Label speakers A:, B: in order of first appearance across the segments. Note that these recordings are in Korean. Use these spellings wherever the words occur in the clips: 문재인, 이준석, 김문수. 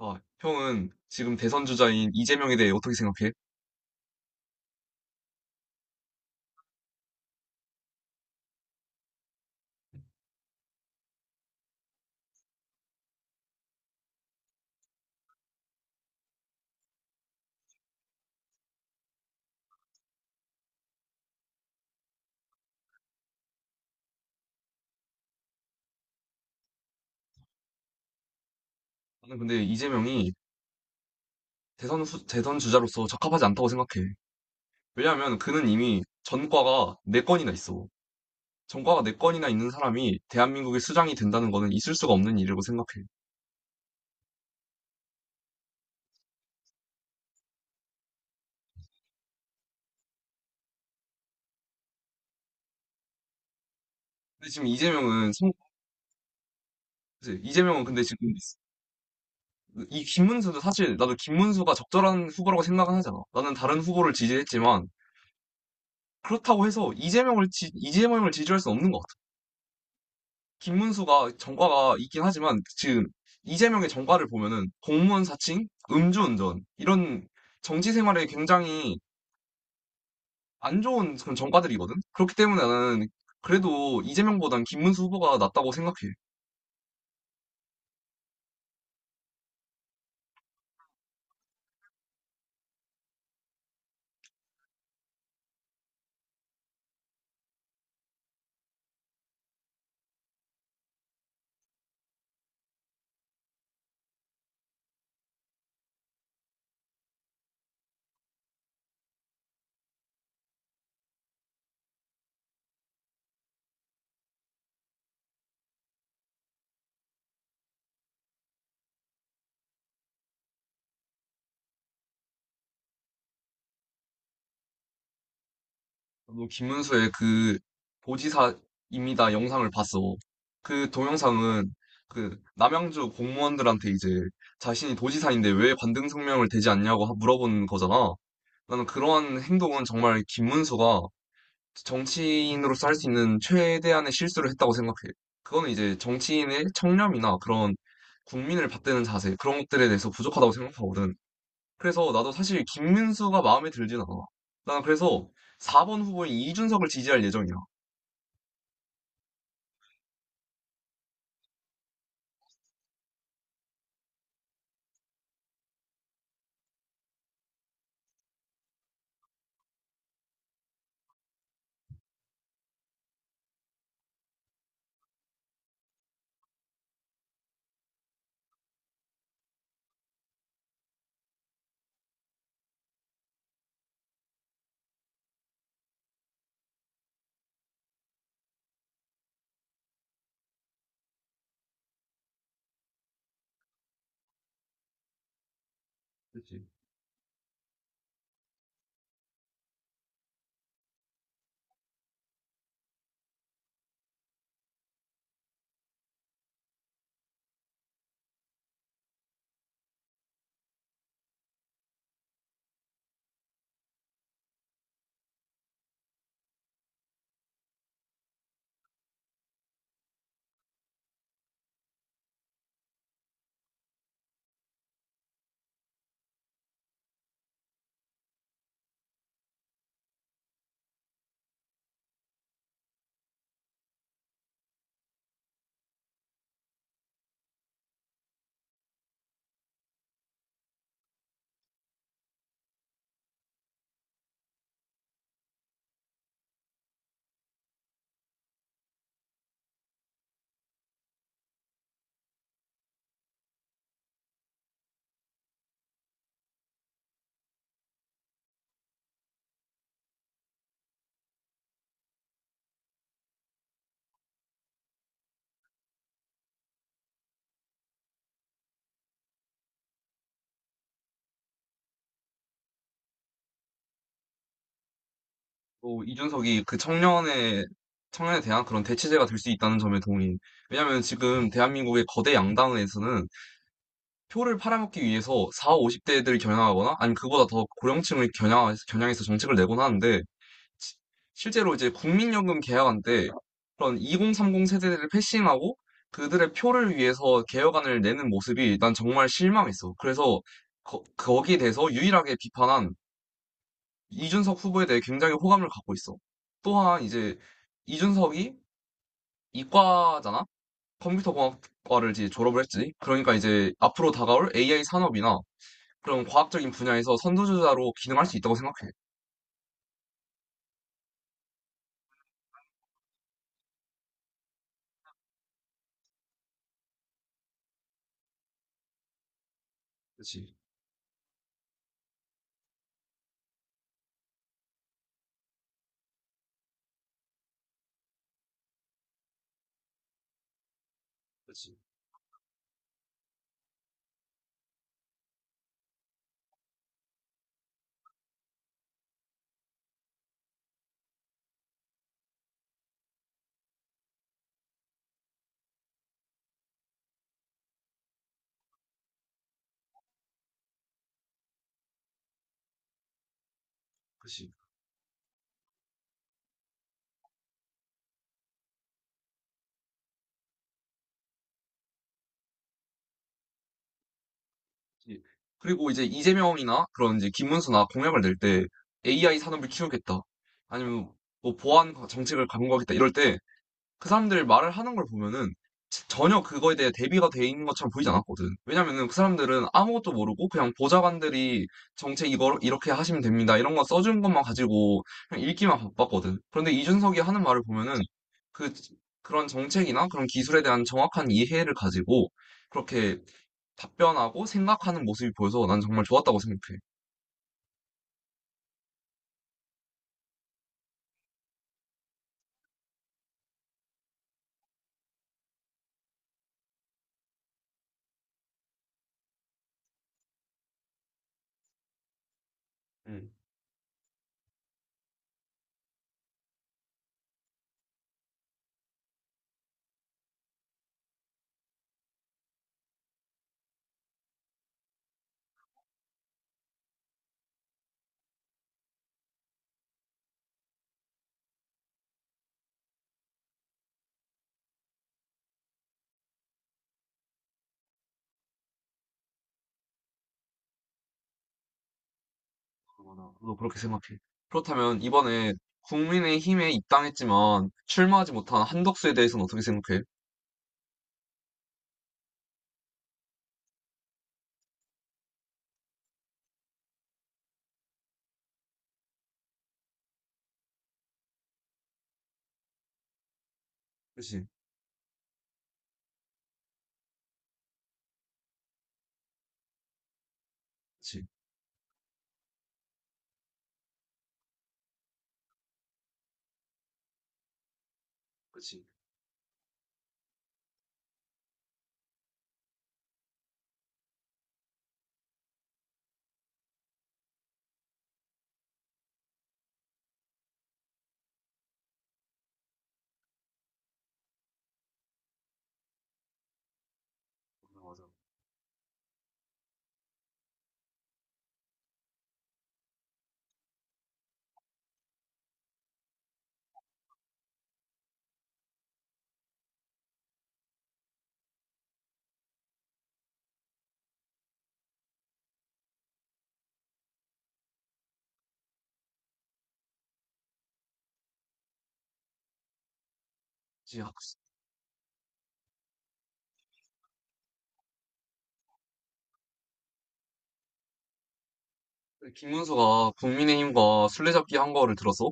A: 자, 형은 지금 대선 주자인 이재명에 대해 어떻게 생각해? 나는 근데 이재명이 대선 주자로서 적합하지 않다고 생각해. 왜냐하면 그는 이미 전과가 네건이나 있어. 전과가 네건이나 있는 사람이 대한민국의 수장이 된다는 거는 있을 수가 없는 일이라고 생각해. 근데 지금 이재명은 그치? 이재명은 근데 지금 이 김문수도 사실 나도 김문수가 적절한 후보라고 생각은 하잖아. 나는 다른 후보를 지지했지만 그렇다고 해서 이재명을 지지할 수는 없는 것 같아. 김문수가 전과가 있긴 하지만 지금 이재명의 전과를 보면은 공무원 사칭, 음주운전 이런 정치 생활에 굉장히 안 좋은 그런 전과들이거든. 그렇기 때문에 나는 그래도 이재명보단 김문수 후보가 낫다고 생각해. 나도 김문수의 그 도지사입니다 영상을 봤어. 그 동영상은 그 남양주 공무원들한테 이제 자신이 도지사인데 왜 관등성명을 대지 않냐고 물어본 거잖아. 나는 그러한 행동은 정말 김문수가 정치인으로서 할 수 있는 최대한의 실수를 했다고 생각해요. 그거는 이제 정치인의 청렴이나 그런 국민을 받드는 자세, 그런 것들에 대해서 부족하다고 생각하거든. 그래서 나도 사실 김문수가 마음에 들진 않아. 난 그래서 4번 후보인 이준석을 지지할 예정이야. 그치. 또 이준석이 그 청년의, 청년에 대한 그런 대체제가 될 수 있다는 점에 동의. 왜냐면 지금 대한민국의 거대 양당에서는 표를 팔아먹기 위해서 4, 50대들을 겨냥하거나 아니면 그보다 더 고령층을 겨냥해서 정책을 내곤 하는데 시- 실제로 이제 국민연금 개혁안때 그런 2030 세대들을 패싱하고 그들의 표를 위해서 개혁안을 내는 모습이 난 정말 실망했어. 그래서 거기에 대해서 유일하게 비판한 이준석 후보에 대해 굉장히 호감을 갖고 있어. 또한 이제 이준석이 이과잖아? 컴퓨터공학과를 이제 졸업을 했지. 그러니까 이제 앞으로 다가올 AI 산업이나 그런 과학적인 분야에서 선두주자로 기능할 수 있다고 생각해. 그치, 그치, 그치. 예. 그리고 이제 이재명이나 그런 이제 김문수나 공약을 낼 때 AI 산업을 키우겠다. 아니면 뭐 보안 정책을 강구하겠다. 이럴 때 그 사람들 말을 하는 걸 보면은 전혀 그거에 대해 대비가 돼 있는 것처럼 보이지 않았거든. 왜냐면은 그 사람들은 아무것도 모르고 그냥 보좌관들이 정책 이거 이렇게 하시면 됩니다. 이런 거 써준 것만 가지고 그냥 읽기만 바빴거든. 그런데 이준석이 하는 말을 보면은 그 그런 정책이나 그런 기술에 대한 정확한 이해를 가지고 그렇게 답변하고 생각하는 모습이 보여서 난 정말 좋았다고 생각해. 응. 그거나 너도 그렇게 생각해. 그렇다면 이번에 국민의힘에 입당했지만 출마하지 못한 한덕수에 대해서는 어떻게 생각해? 그치, 그치, 그치. 그치. 김문수가 국민의힘과 술래잡기 한 거를 들었어?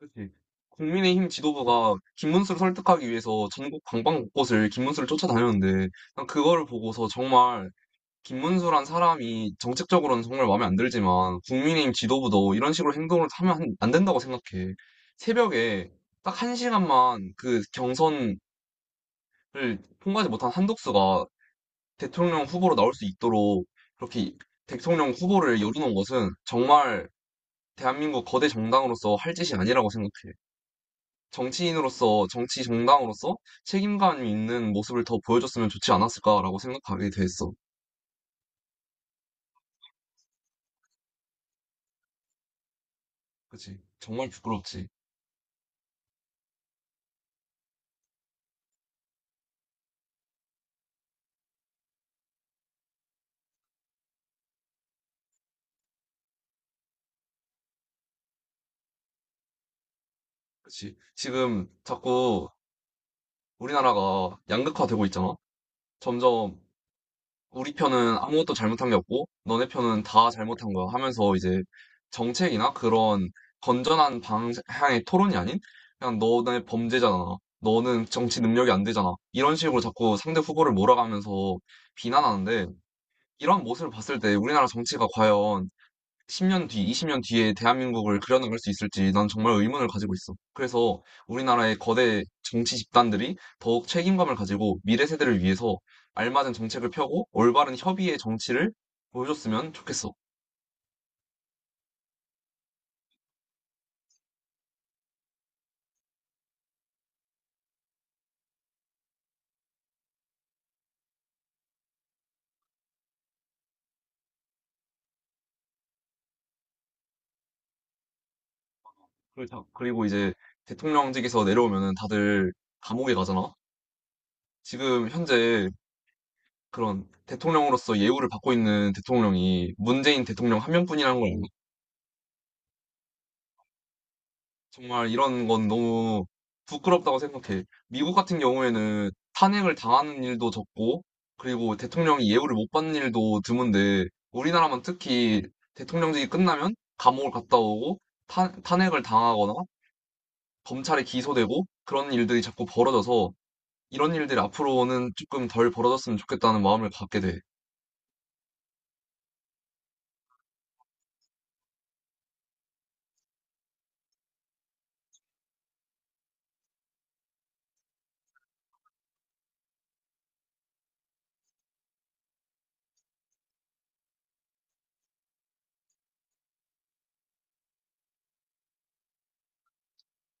A: 그치. 국민의힘 지도부가 김문수를 설득하기 위해서 전국 방방 곳곳을 김문수를 쫓아다녔는데 난 그거를 보고서 정말 김문수란 사람이 정책적으로는 정말 마음에 안 들지만 국민의힘 지도부도 이런 식으로 행동을 하면 안 된다고 생각해. 새벽에 딱 한 시간만 그 경선을 통과하지 못한 한독수가 대통령 후보로 나올 수 있도록 그렇게 대통령 후보를 열어놓은 것은 정말 대한민국 거대 정당으로서 할 짓이 아니라고 생각해. 정치인으로서, 정치 정당으로서 책임감 있는 모습을 더 보여줬으면 좋지 않았을까라고 생각하게 됐어. 그치? 정말 부끄럽지. 그치. 지금 자꾸 우리나라가 양극화되고 있잖아. 점점 우리 편은 아무것도 잘못한 게 없고, 너네 편은 다 잘못한 거야 하면서 이제 정책이나 그런 건전한 방향의 토론이 아닌, 그냥 너네 범죄잖아. 너는 정치 능력이 안 되잖아. 이런 식으로 자꾸 상대 후보를 몰아가면서 비난하는데, 이런 모습을 봤을 때 우리나라 정치가 과연 10년 뒤, 20년 뒤에 대한민국을 그려나갈 수 있을지 난 정말 의문을 가지고 있어. 그래서 우리나라의 거대 정치 집단들이 더욱 책임감을 가지고 미래 세대를 위해서 알맞은 정책을 펴고 올바른 협의의 정치를 보여줬으면 좋겠어. 그리고 그리고 이제 대통령직에서 내려오면은 다들 감옥에 가잖아. 지금 현재 그런 대통령으로서 예우를 받고 있는 대통령이 문재인 대통령 한 명뿐이라는 걸, 정말 이런 건 너무 부끄럽다고 생각해. 미국 같은 경우에는 탄핵을 당하는 일도 적고, 그리고 대통령이 예우를 못 받는 일도 드문데, 우리나라만 특히 대통령직이 끝나면 감옥을 갔다 오고, 탄핵을 당하거나, 검찰에 기소되고, 그런 일들이 자꾸 벌어져서, 이런 일들이 앞으로는 조금 덜 벌어졌으면 좋겠다는 마음을 갖게 돼.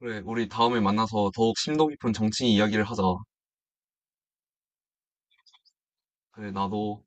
A: 그래, 우리 다음에 만나서 더욱 심도 깊은 정치 이야기를 하자. 그래, 나도.